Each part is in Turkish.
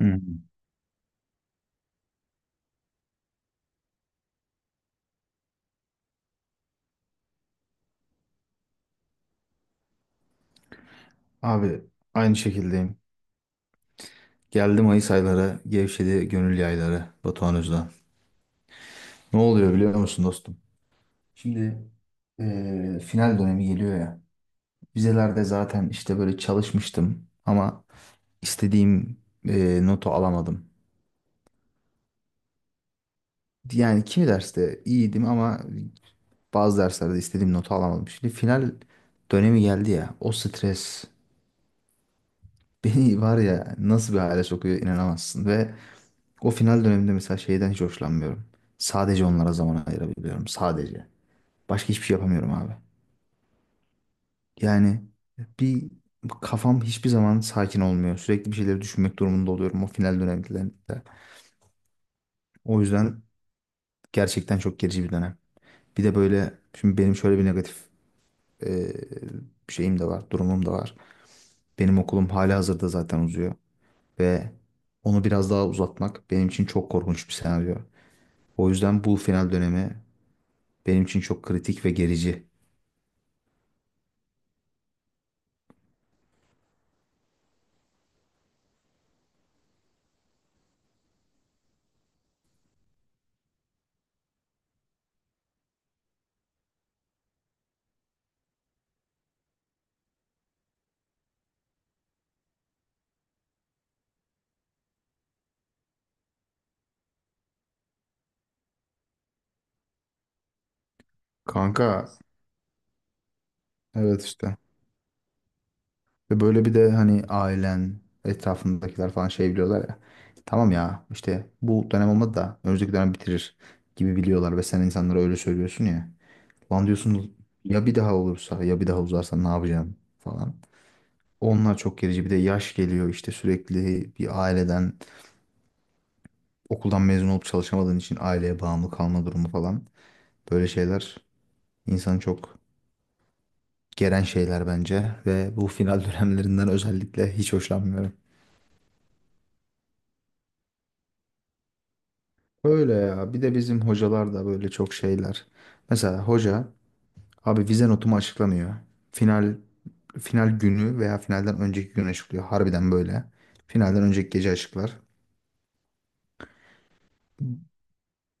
Hı. Abi aynı şekildeyim. Geldi Mayıs ayları, gevşedi gönül yayları Batuhan Özden. Ne oluyor biliyor musun dostum? Şimdi final dönemi geliyor ya. Vizelerde zaten işte böyle çalışmıştım ama istediğim notu alamadım. Yani kimi derste iyiydim ama bazı derslerde istediğim notu alamadım. Şimdi final dönemi geldi ya. O stres beni var ya nasıl bir hale sokuyor inanamazsın ve o final döneminde mesela şeyden hiç hoşlanmıyorum. Sadece onlara zaman ayırabiliyorum. Sadece. Başka hiçbir şey yapamıyorum abi. Yani bir kafam hiçbir zaman sakin olmuyor. Sürekli bir şeyleri düşünmek durumunda oluyorum o final dönemlerinde. O yüzden gerçekten çok gerici bir dönem. Bir de böyle şimdi benim şöyle bir negatif e, şeyim de var, durumum da var. Benim okulum hala hazırda zaten uzuyor ve onu biraz daha uzatmak benim için çok korkunç bir senaryo. O yüzden bu final dönemi benim için çok kritik ve gerici. Kanka, evet işte. Ve böyle bir de hani ailen, etrafındakiler falan şey biliyorlar ya. Tamam ya, işte bu dönem olmadı da önümüzdeki dönem bitirir gibi biliyorlar ve sen insanlara öyle söylüyorsun ya. Lan diyorsun ya, bir daha olursa, ya bir daha uzarsa ne yapacağım falan. Onlar çok gerici, bir de yaş geliyor işte, sürekli bir aileden, okuldan mezun olup çalışamadığın için aileye bağımlı kalma durumu falan. Böyle şeyler insanı çok geren şeyler bence ve bu final dönemlerinden özellikle hiç hoşlanmıyorum. Öyle ya. Bir de bizim hocalar da böyle çok şeyler. Mesela hoca abi vize notumu açıklamıyor. Final, final günü veya finalden önceki gün açıklıyor. Harbiden böyle. Finalden önceki gece açıklar.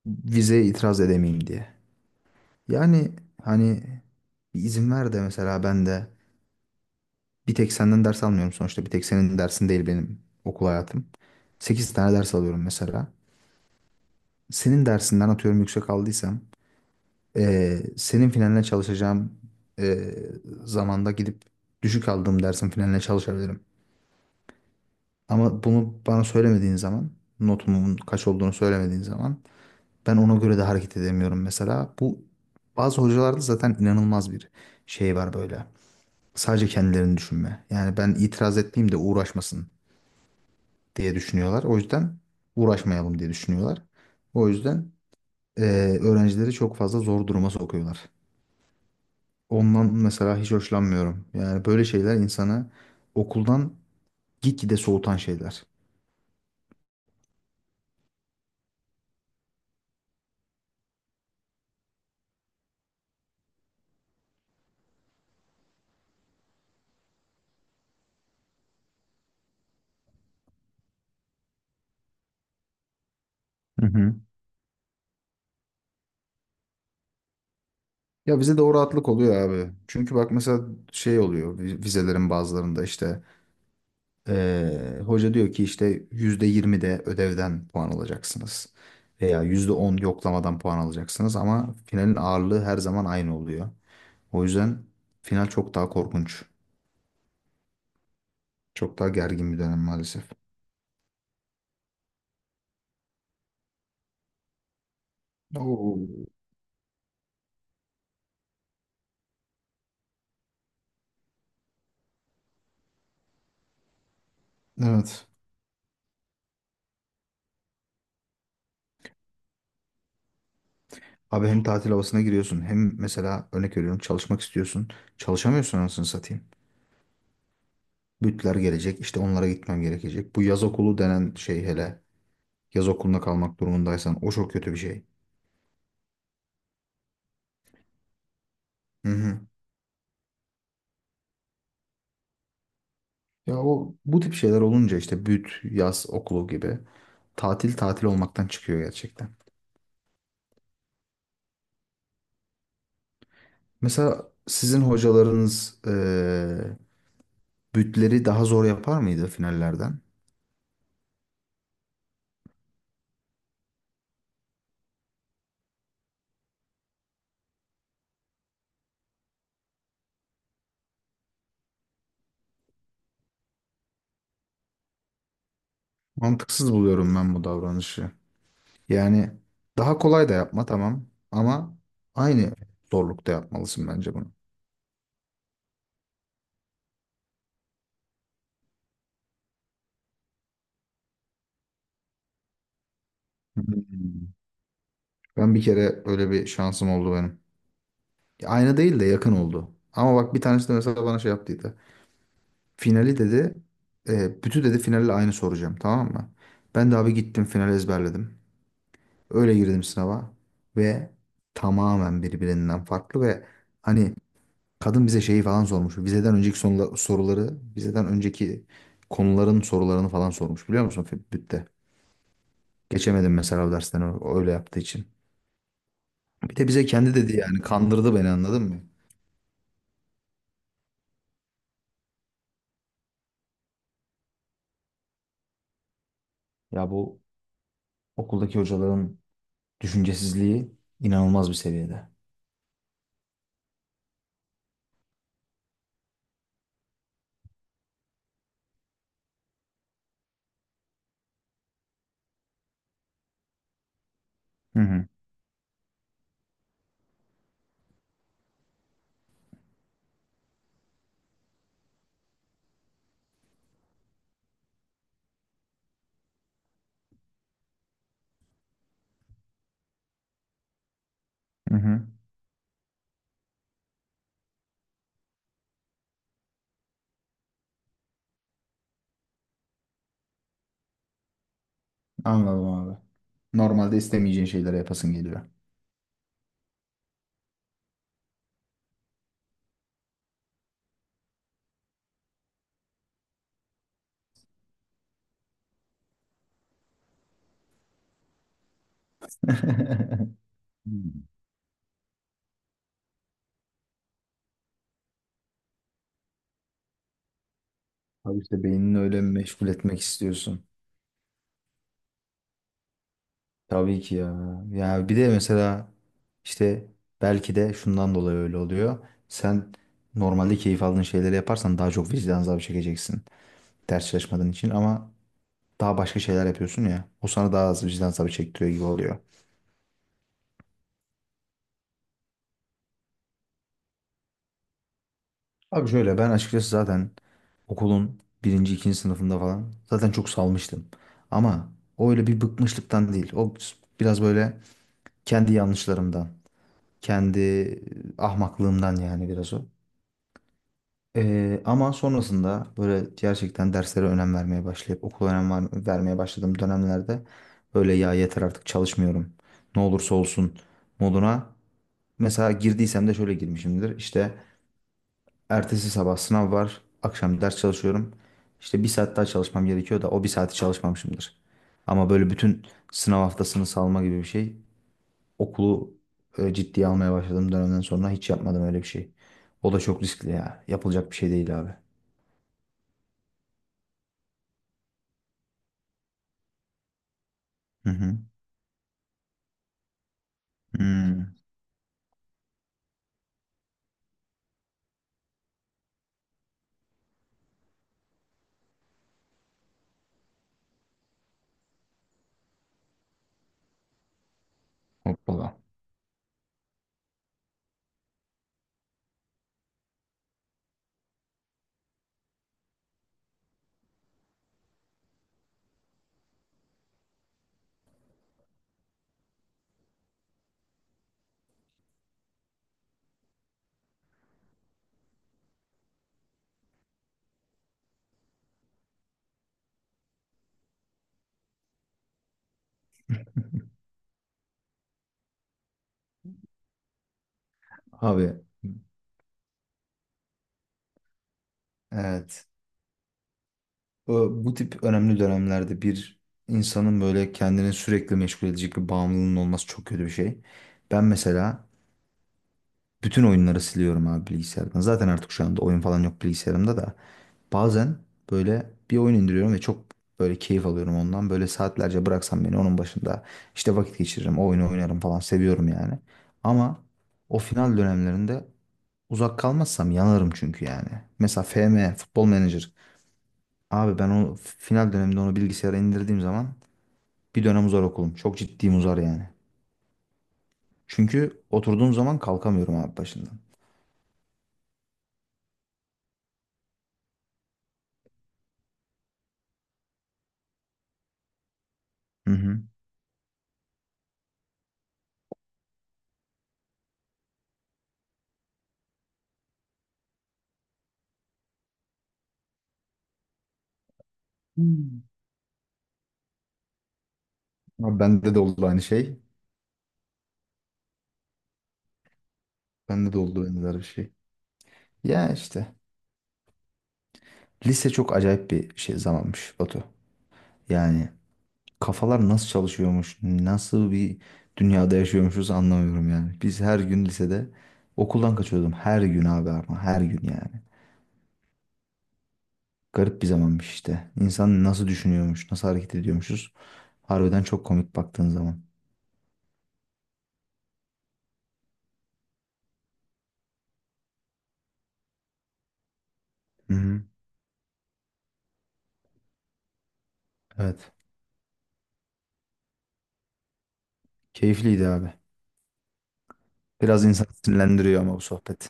Vizeye itiraz edemeyeyim diye. Yani hani bir izin ver de mesela ben de bir tek senden ders almıyorum sonuçta. Bir tek senin dersin değil benim okul hayatım. 8 tane ders alıyorum mesela. Senin dersinden atıyorum yüksek aldıysam, ee, senin finaline çalışacağım e, zamanda gidip düşük aldığım dersin finaline çalışabilirim. Ama bunu bana söylemediğin zaman, notumun kaç olduğunu söylemediğin zaman ben ona göre de hareket edemiyorum mesela. Bu, bazı hocalarda zaten inanılmaz bir şey var böyle. Sadece kendilerini düşünme. Yani ben itiraz etmeyeyim de uğraşmasın diye düşünüyorlar. O yüzden uğraşmayalım diye düşünüyorlar. O yüzden e, öğrencileri çok fazla zor duruma sokuyorlar. Ondan mesela hiç hoşlanmıyorum. Yani böyle şeyler insana okuldan gitgide soğutan şeyler. Hı hı. Ya bize de o rahatlık oluyor abi. Çünkü bak mesela şey oluyor, vizelerin bazılarında işte hoca diyor ki işte %20 de ödevden puan alacaksınız. Veya %10 yoklamadan puan alacaksınız ama finalin ağırlığı her zaman aynı oluyor. O yüzden final çok daha korkunç. Çok daha gergin bir dönem maalesef. Oo. Evet. Abi hem tatil havasına giriyorsun hem mesela örnek veriyorum çalışmak istiyorsun. Çalışamıyorsun anasını satayım. Bütler gelecek, işte onlara gitmem gerekecek. Bu yaz okulu denen şey, hele yaz okulunda kalmak durumundaysan, o çok kötü bir şey. Hı hı. Ya o bu tip şeyler olunca, işte büt, yaz okulu gibi, tatil tatil olmaktan çıkıyor gerçekten. Mesela sizin hocalarınız bütleri daha zor yapar mıydı finallerden? Mantıksız buluyorum ben bu davranışı. Yani daha kolay da yapma tamam ama aynı zorlukta yapmalısın bence bunu. Hmm. Ben bir kere öyle bir şansım oldu benim. Ya aynı değil de yakın oldu. Ama bak, bir tanesi de mesela bana şey yaptıydı. Finali dedi, bütü dedi finali aynı soracağım tamam mı? Ben de abi gittim finali ezberledim. Öyle girdim sınava ve tamamen birbirinden farklı ve hani kadın bize şeyi falan sormuş. Vizeden önceki soruları, vizeden önceki konuların sorularını falan sormuş biliyor musun, bütte? Geçemedim mesela o dersten öyle yaptığı için. Bir de bize kendi dedi, yani kandırdı beni, anladın mı? Ya bu okuldaki hocaların düşüncesizliği inanılmaz bir seviyede. Hı hı, hı hı. Anladım abi. Normalde istemeyeceğin şeylere yapasın geliyor. Hmm. Abi işte beynini öyle meşgul etmek istiyorsun. Tabii ki ya. Ya bir de mesela işte belki de şundan dolayı öyle oluyor. Sen normalde keyif aldığın şeyleri yaparsan daha çok vicdan azabı çekeceksin. Ders çalışmadığın için ama daha başka şeyler yapıyorsun ya. O sana daha az vicdan azabı çektiriyor gibi oluyor. Abi şöyle, ben açıkçası zaten okulun birinci, ikinci sınıfında falan zaten çok salmıştım. Ama o öyle bir bıkmışlıktan değil. O biraz böyle kendi yanlışlarımdan, kendi ahmaklığımdan, yani biraz o. Ama sonrasında böyle gerçekten derslere önem vermeye başlayıp okula önem vermeye başladığım dönemlerde böyle ya yeter artık çalışmıyorum. Ne olursa olsun moduna mesela girdiysem de şöyle girmişimdir. İşte ertesi sabah sınav var, akşam ders çalışıyorum. İşte bir saat daha çalışmam gerekiyor da o bir saati çalışmamışımdır. Ama böyle bütün sınav haftasını salma gibi bir şey, okulu ciddiye almaya başladığım dönemden sonra hiç yapmadım öyle bir şey. O da çok riskli ya. Yapılacak bir şey değil abi. Hı hı. Hmm, hoppala. Abi evet. Bu tip önemli dönemlerde bir insanın böyle kendini sürekli meşgul edecek bir bağımlılığının olması çok kötü bir şey. Ben mesela bütün oyunları siliyorum abi bilgisayardan. Zaten artık şu anda oyun falan yok bilgisayarımda da. Bazen böyle bir oyun indiriyorum ve çok böyle keyif alıyorum ondan. Böyle saatlerce bıraksam beni onun başında işte vakit geçiririm, o oyunu oynarım falan, seviyorum yani. Ama o final dönemlerinde uzak kalmazsam yanarım çünkü yani. Mesela FM, Futbol Manager. Abi ben o final döneminde onu bilgisayara indirdiğim zaman bir dönem uzar okulum. Çok ciddiyim, uzar yani. Çünkü oturduğum zaman kalkamıyorum abi başından. Hı hı. Hmm. Abi bende de oldu aynı şey. Bende de oldu benzer bir şey. Ya işte. Lise çok acayip bir şey zamanmış Batu. Yani kafalar nasıl çalışıyormuş, nasıl bir dünyada yaşıyormuşuz anlamıyorum yani. Biz her gün lisede okuldan kaçıyordum. Her gün abi, ama her gün yani. Garip bir zamanmış işte. İnsan nasıl düşünüyormuş, nasıl hareket ediyormuşuz. Harbiden çok komik baktığın zaman. Hı hı. Evet. Keyifliydi abi. Biraz insan sinirlendiriyor ama bu sohbet.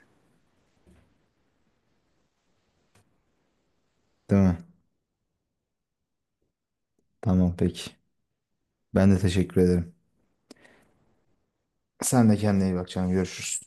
Değil mi? Tamam peki. Ben de teşekkür ederim. Sen de kendine iyi bak canım. Görüşürüz.